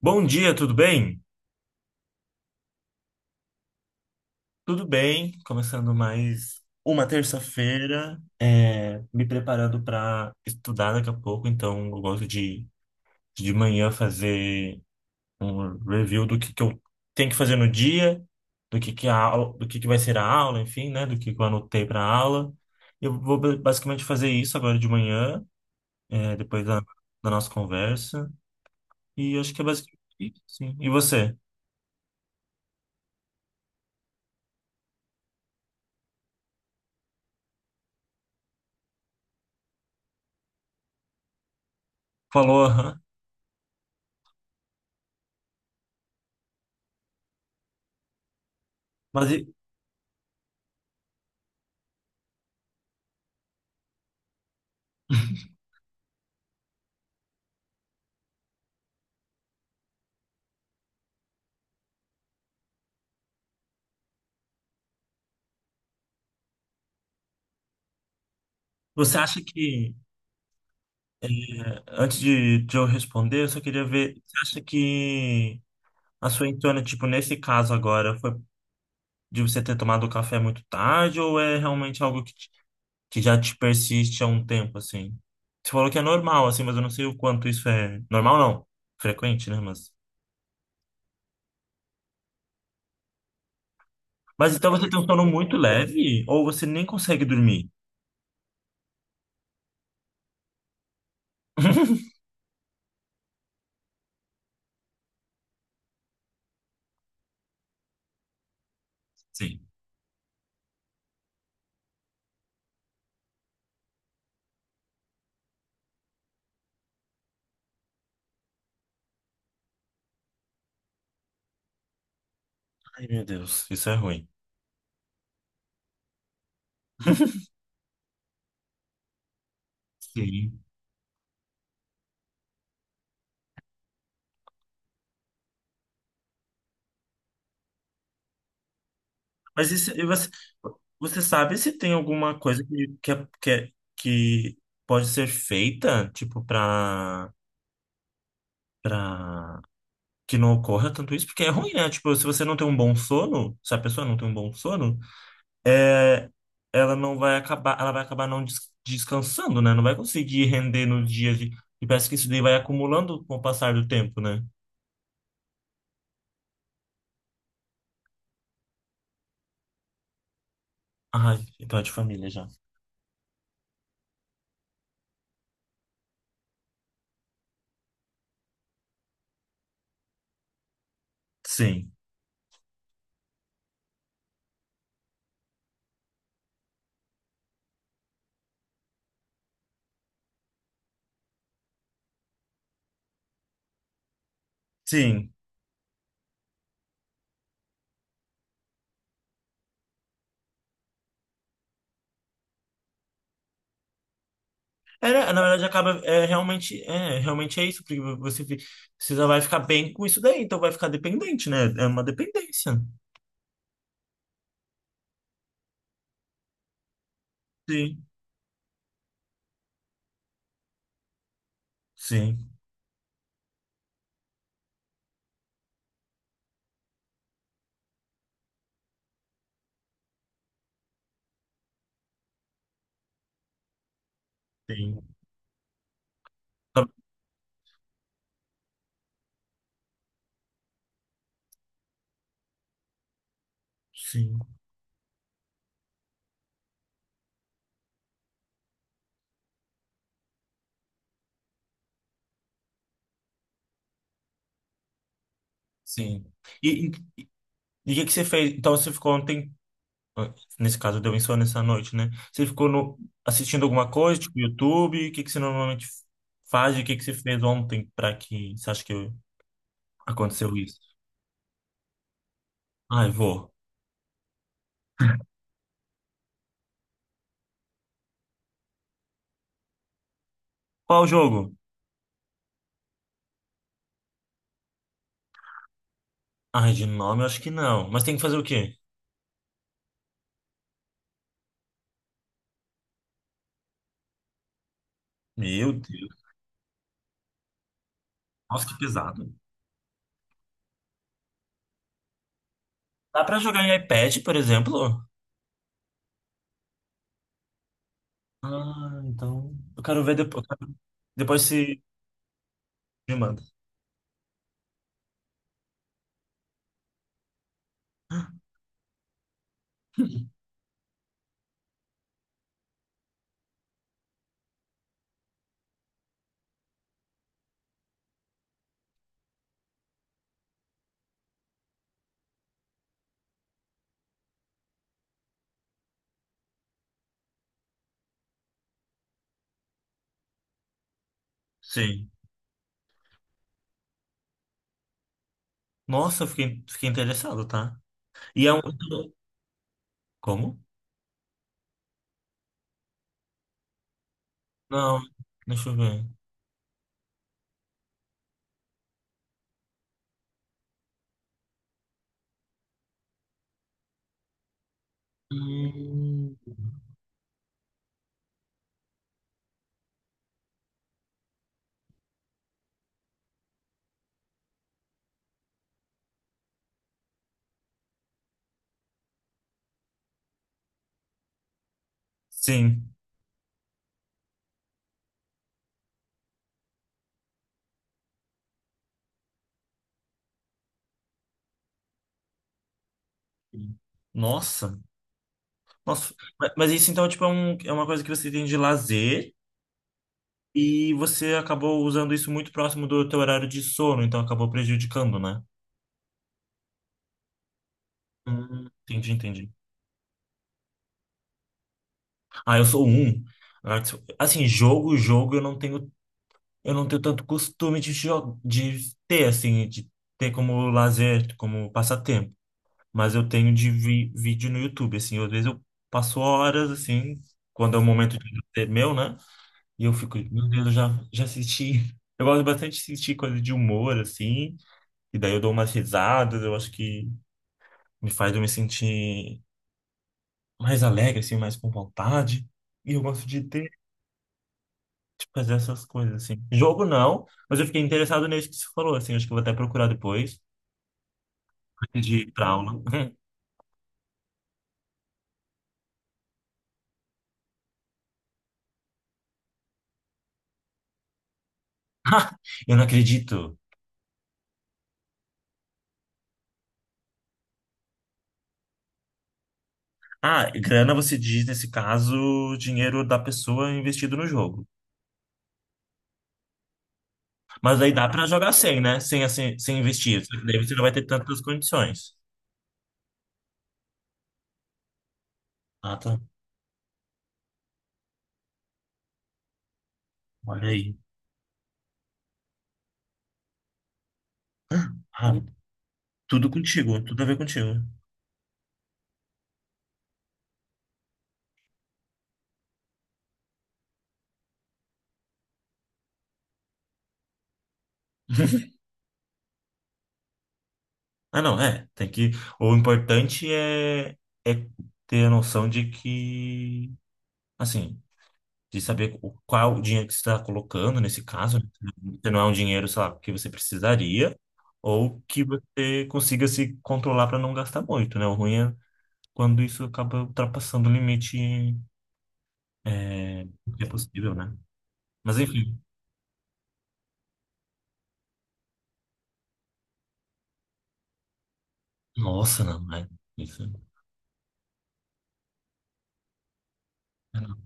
Bom dia, tudo bem? Tudo bem, começando mais uma terça-feira, me preparando para estudar daqui a pouco, então eu gosto de manhã fazer um review do que eu tenho que fazer no dia, do que vai ser a aula, enfim, né? Do que eu anotei para a aula. Eu vou basicamente fazer isso agora de manhã, depois da nossa conversa, e acho que é basicamente isso, sim. E você? Falou, aham. Mas você acha que É, antes de eu responder, eu só queria ver, você acha que a sua entona, tipo, nesse caso agora, foi de você ter tomado o café muito tarde ou é realmente algo que, que já te persiste há um tempo, assim? Você falou que é normal, assim, mas eu não sei o quanto isso é... Normal não, frequente, né? Mas então você tem um sono muito leve ou você nem consegue dormir? Sim. Ai, meu Deus, isso é ruim. Sim. Mas isso, e você sabe se tem alguma coisa que pode ser feita, tipo, pra que não ocorra tanto isso? Porque é ruim, né? Tipo, se você não tem um bom sono, se a pessoa não tem um bom sono, é, ela vai acabar não descansando, né? Não vai conseguir render nos dias de, e parece que isso daí vai acumulando com o passar do tempo, né? Ah, então é de família já. Sim. Sim. Era, na verdade, acaba é, realmente é isso, porque você precisa vai ficar bem com isso daí, então vai ficar dependente, né? É uma dependência. Sim, sim, sim, Tá- sim, sim. E, e, e o que que você fez? Então você ficou ontem, ah, nesse caso deu insônia essa noite, né? Você ficou no, assistindo alguma coisa, tipo YouTube? O que que você normalmente faz? E o que que você fez ontem para que você acha que aconteceu isso? Ai, vou. Qual o jogo? Ai, de nome eu acho que não. Mas tem que fazer o quê? Meu Deus. Nossa, que pesado. Dá pra jogar em iPad, por exemplo? Ah, então. Eu quero ver depois. Depois se me manda. Sim. Nossa, eu fiquei interessado, tá? E é um. Como? Não, deixa eu ver. Hum, sim. Nossa. Nossa. Mas isso então, tipo, é uma coisa que você tem de lazer e você acabou usando isso muito próximo do teu horário de sono, então acabou prejudicando, né? Entendi, entendi. Ah, eu sou um. Ah, tipo, assim, jogo, jogo, eu não tenho tanto costume de ter, assim, de ter como lazer, como passatempo. Mas eu tenho de vi vídeo no YouTube, assim, às vezes eu passo horas, assim, quando é o momento de lazer meu, né? E eu fico, meu Deus, eu já assisti. Eu gosto bastante de assistir coisa de humor, assim, e daí eu dou umas risadas, eu acho que me faz eu me sentir mais alegre, assim, mais com vontade. E eu gosto de ter fazer essas coisas, assim. Jogo não, mas eu fiquei interessado nisso que você falou, assim. Acho que eu vou até procurar depois, antes de ir pra aula. Ah, eu não acredito. Ah, grana você diz, nesse caso, dinheiro da pessoa investido no jogo. Mas aí dá pra jogar sem, né? Sem, assim, sem investir. Só que daí você não vai ter tantas condições. Ah, tá. Olha aí. Ah, tudo contigo, tudo a ver contigo. Ah, não, é. Tem que. O importante é, ter a noção de que, assim, de saber qual é o dinheiro que você está colocando nesse caso, né? Se não é um dinheiro, sei lá, que você precisaria, ou que você consiga se controlar para não gastar muito, né? O ruim é quando isso acaba ultrapassando o limite que é possível, né? Mas enfim, nossa, não, né? Isso. É não.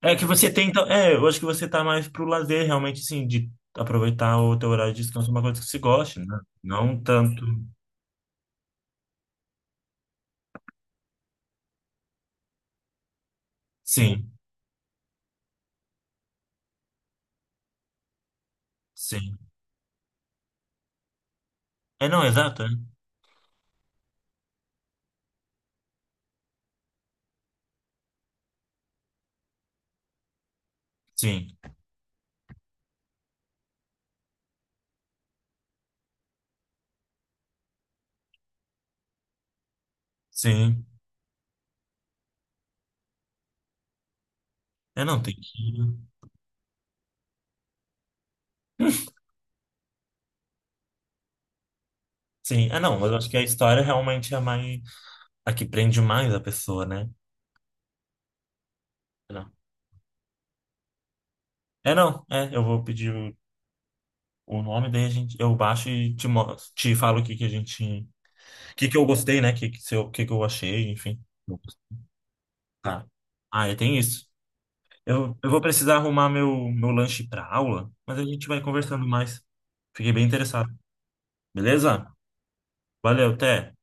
É que você tem, então, eu acho que você tá mais pro lazer, realmente, assim, de aproveitar o teu horário de descanso, uma coisa que você goste, né? Não tanto. Sim, sim. É, não, exato, né? Sim, sim. É, não, tem que. Sim, é, não, mas eu acho que a história realmente é mais. A que prende mais a pessoa, né? É, não. É, não, eu vou pedir o nome, daí a gente, eu baixo e te falo o que que a gente. O que que eu gostei, né? O que, que, se eu- o que que eu achei, enfim. Tá. Ah, é, tem isso. Eu vou precisar arrumar meu lanche pra aula, mas a gente vai conversando mais. Fiquei bem interessado. Beleza? Valeu, até.